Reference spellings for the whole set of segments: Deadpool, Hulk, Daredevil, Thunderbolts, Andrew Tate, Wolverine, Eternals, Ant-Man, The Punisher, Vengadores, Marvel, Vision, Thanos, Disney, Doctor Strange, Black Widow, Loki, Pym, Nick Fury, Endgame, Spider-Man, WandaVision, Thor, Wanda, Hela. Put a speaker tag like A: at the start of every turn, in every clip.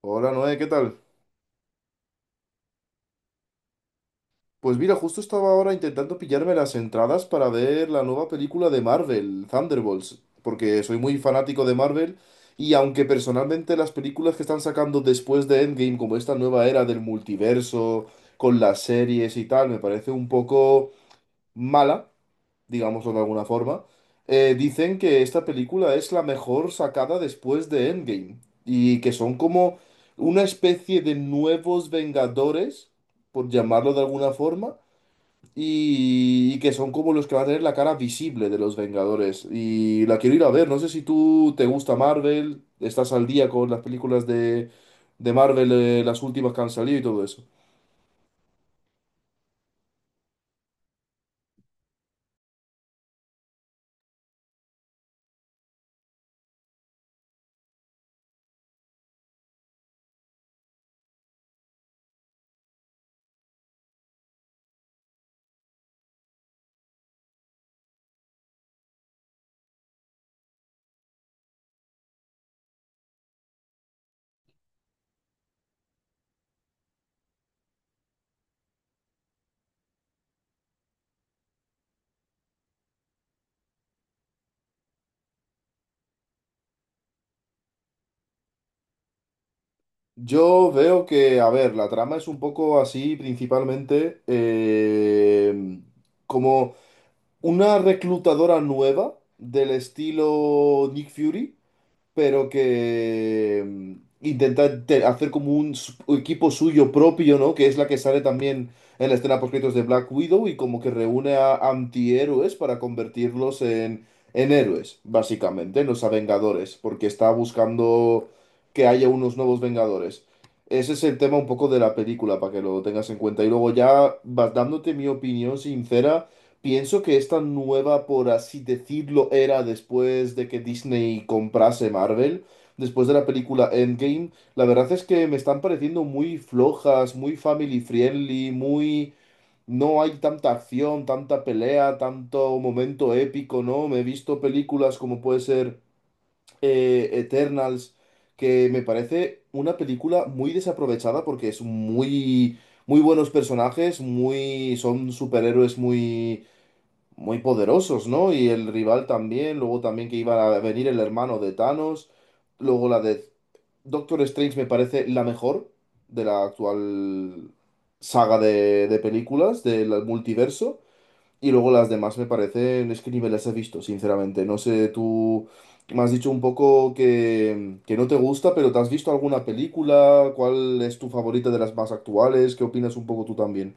A: Hola Noé, ¿qué tal? Pues mira, justo estaba ahora intentando pillarme las entradas para ver la nueva película de Marvel, Thunderbolts, porque soy muy fanático de Marvel y aunque personalmente las películas que están sacando después de Endgame, como esta nueva era del multiverso, con las series y tal, me parece un poco mala, digámoslo de alguna forma, dicen que esta película es la mejor sacada después de Endgame y que son como una especie de nuevos Vengadores, por llamarlo de alguna forma, y que son como los que van a tener la cara visible de los Vengadores. Y la quiero ir a ver, no sé si tú te gusta Marvel, estás al día con las películas de Marvel, las últimas que han salido y todo eso. Yo veo que, a ver, la trama es un poco así, principalmente como una reclutadora nueva del estilo Nick Fury pero que intenta hacer como un equipo suyo propio, ¿no? Que es la que sale también en la escena post-créditos de Black Widow y como que reúne a antihéroes para convertirlos en héroes, básicamente, en los Vengadores, porque está buscando que haya unos nuevos Vengadores. Ese es el tema un poco de la película, para que lo tengas en cuenta. Y luego ya vas dándote mi opinión sincera. Pienso que esta nueva, por así decirlo, era después de que Disney comprase Marvel, después de la película Endgame, la verdad es que me están pareciendo muy flojas, muy family friendly, muy. No hay tanta acción, tanta pelea, tanto momento épico, ¿no? Me he visto películas como puede ser Eternals, que me parece una película muy desaprovechada porque es muy. Muy buenos personajes, muy, son superhéroes muy muy poderosos, ¿no? Y el rival también, luego también que iba a venir el hermano de Thanos, luego la de Doctor Strange me parece la mejor de la actual saga de películas del multiverso, y luego las demás me parecen, es que ni me las he visto, sinceramente, no sé, tú me has dicho un poco que no te gusta, pero ¿te has visto alguna película? ¿Cuál es tu favorita de las más actuales? ¿Qué opinas un poco tú también?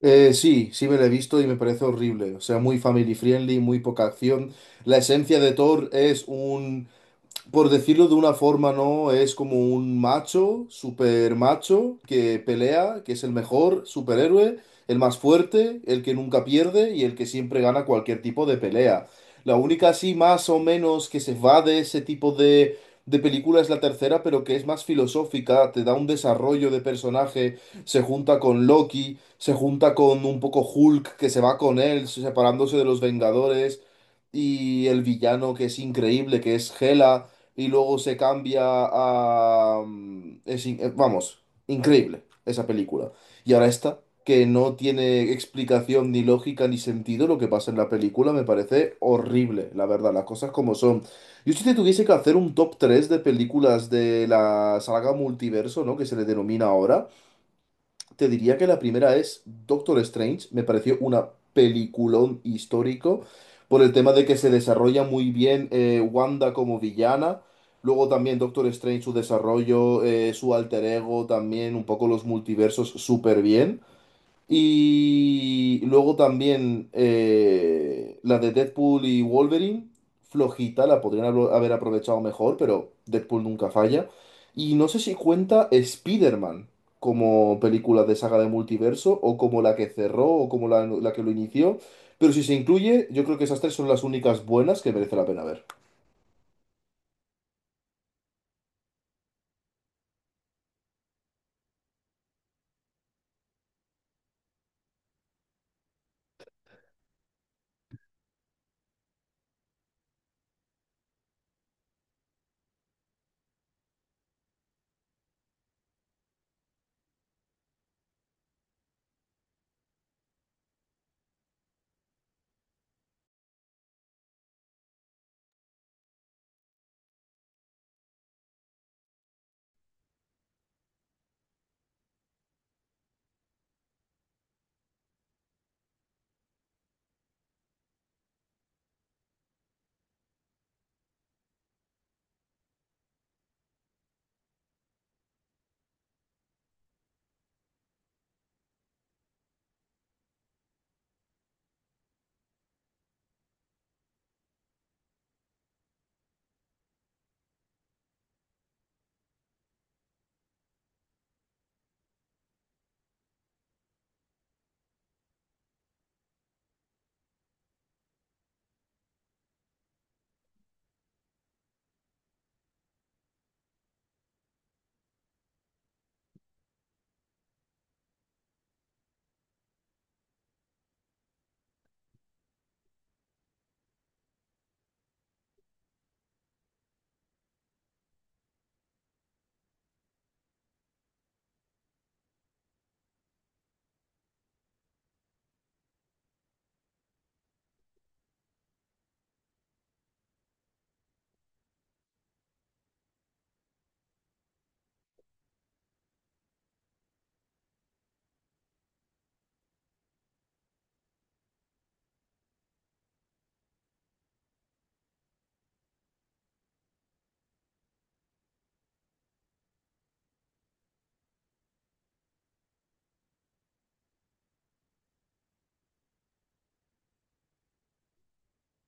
A: Sí, sí me la he visto y me parece horrible. O sea, muy family friendly, muy poca acción. La esencia de Thor es un, por decirlo de una forma, ¿no? Es como un macho, super macho, que pelea, que es el mejor superhéroe, el más fuerte, el que nunca pierde y el que siempre gana cualquier tipo de pelea. La única así más o menos que se va de ese tipo de película es la tercera, pero que es más filosófica, te da un desarrollo de personaje, se junta con Loki, se junta con un poco Hulk que se va con él, separándose de los Vengadores y el villano que es increíble, que es Hela y luego se cambia a, vamos, increíble esa película. Y ahora esta, que no tiene explicación ni lógica ni sentido lo que pasa en la película, me parece horrible, la verdad, las cosas como son. Yo si te tuviese que hacer un top 3 de películas de la saga multiverso, ¿no? Que se le denomina ahora. Te diría que la primera es Doctor Strange, me pareció una peliculón histórico por el tema de que se desarrolla muy bien, Wanda como villana, luego también Doctor Strange, su desarrollo, su alter ego, también un poco los multiversos súper bien. Y luego también, la de Deadpool y Wolverine, flojita, la podrían haber aprovechado mejor, pero Deadpool nunca falla. Y no sé si cuenta Spider-Man como película de saga de multiverso, o como la que cerró, o como la que lo inició. Pero si se incluye, yo creo que esas tres son las únicas buenas que merece la pena ver.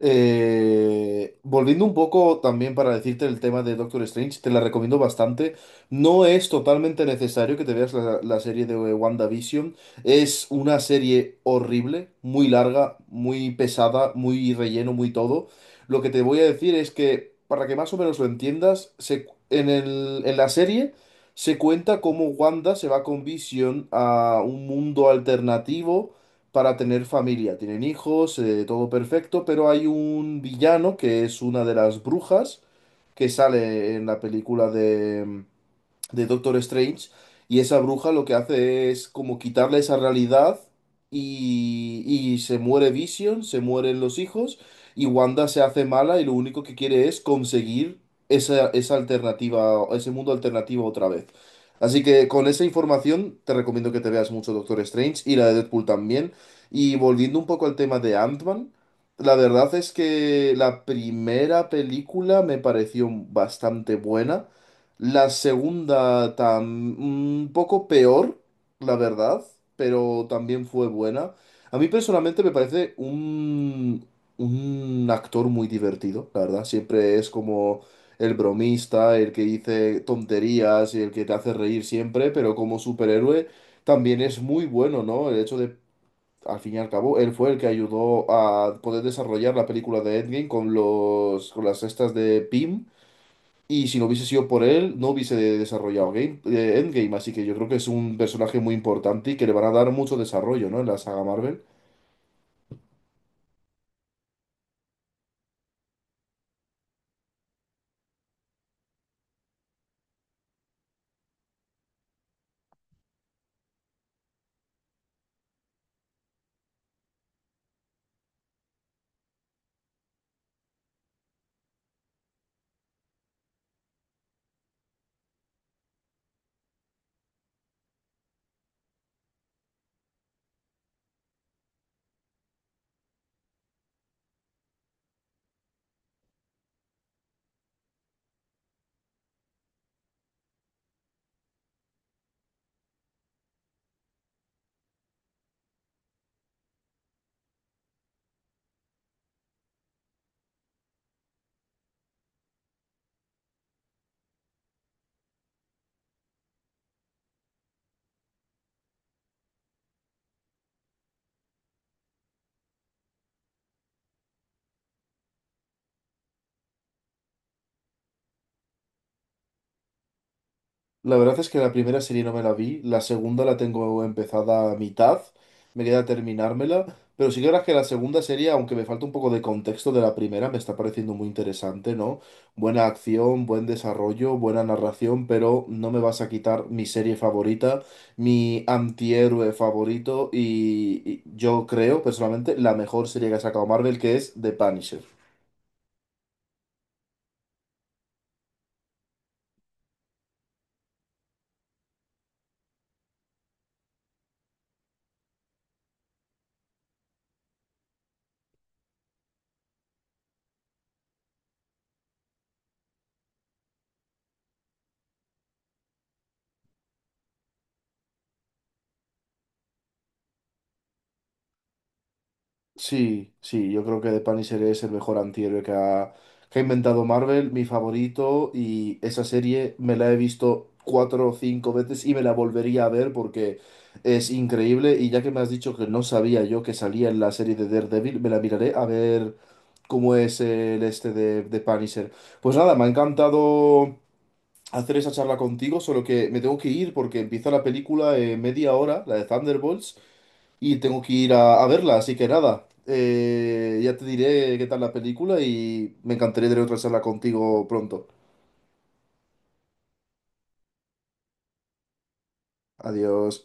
A: Volviendo un poco también para decirte el tema de Doctor Strange, te la recomiendo bastante. No es totalmente necesario que te veas la serie de WandaVision. Es una serie horrible, muy larga, muy pesada, muy relleno, muy todo. Lo que te voy a decir es que, para que más o menos lo entiendas, en la serie se cuenta cómo Wanda se va con Vision a un mundo alternativo para tener familia. Tienen hijos, todo perfecto, pero hay un villano que es una de las brujas que sale en la película de Doctor Strange, y esa bruja lo que hace es como quitarle esa realidad y se muere Vision, se mueren los hijos, y Wanda se hace mala y lo único que quiere es conseguir esa alternativa, ese mundo alternativo otra vez. Así que con esa información te recomiendo que te veas mucho Doctor Strange y la de Deadpool también. Y volviendo un poco al tema de Ant-Man, la verdad es que la primera película me pareció bastante buena. La segunda, un poco peor, la verdad, pero también fue buena. A mí personalmente me parece un actor muy divertido, la verdad. Siempre es como el bromista, el que dice tonterías y el que te hace reír siempre, pero como superhéroe también es muy bueno, ¿no? El hecho de, al fin y al cabo, él fue el que ayudó a poder desarrollar la película de Endgame con los, con las estas de Pym y si no hubiese sido por él, no hubiese desarrollado Endgame. Así que yo creo que es un personaje muy importante y que le van a dar mucho desarrollo, ¿no? En la saga Marvel. La verdad es que la primera serie no me la vi, la segunda la tengo empezada a mitad, me queda terminármela, pero sí que ahora que la segunda serie, aunque me falta un poco de contexto de la primera, me está pareciendo muy interesante, ¿no? Buena acción, buen desarrollo, buena narración, pero no me vas a quitar mi serie favorita, mi antihéroe favorito y yo creo, personalmente, la mejor serie que ha sacado Marvel, que es The Punisher. Sí, sí, yo creo que The Punisher es el mejor antihéroe que ha inventado Marvel, mi favorito, y esa serie me la he visto cuatro o cinco veces y me la volvería a ver porque es increíble. Y ya que me has dicho que no sabía yo que salía en la serie de Daredevil, me la miraré a ver cómo es el este de Punisher. Pues nada, me ha encantado hacer esa charla contigo, solo que me tengo que ir porque empieza la película en media hora, la de Thunderbolts y tengo que ir a verla, así que nada, ya te diré qué tal la película y me encantaría tener otra charla contigo pronto. Adiós.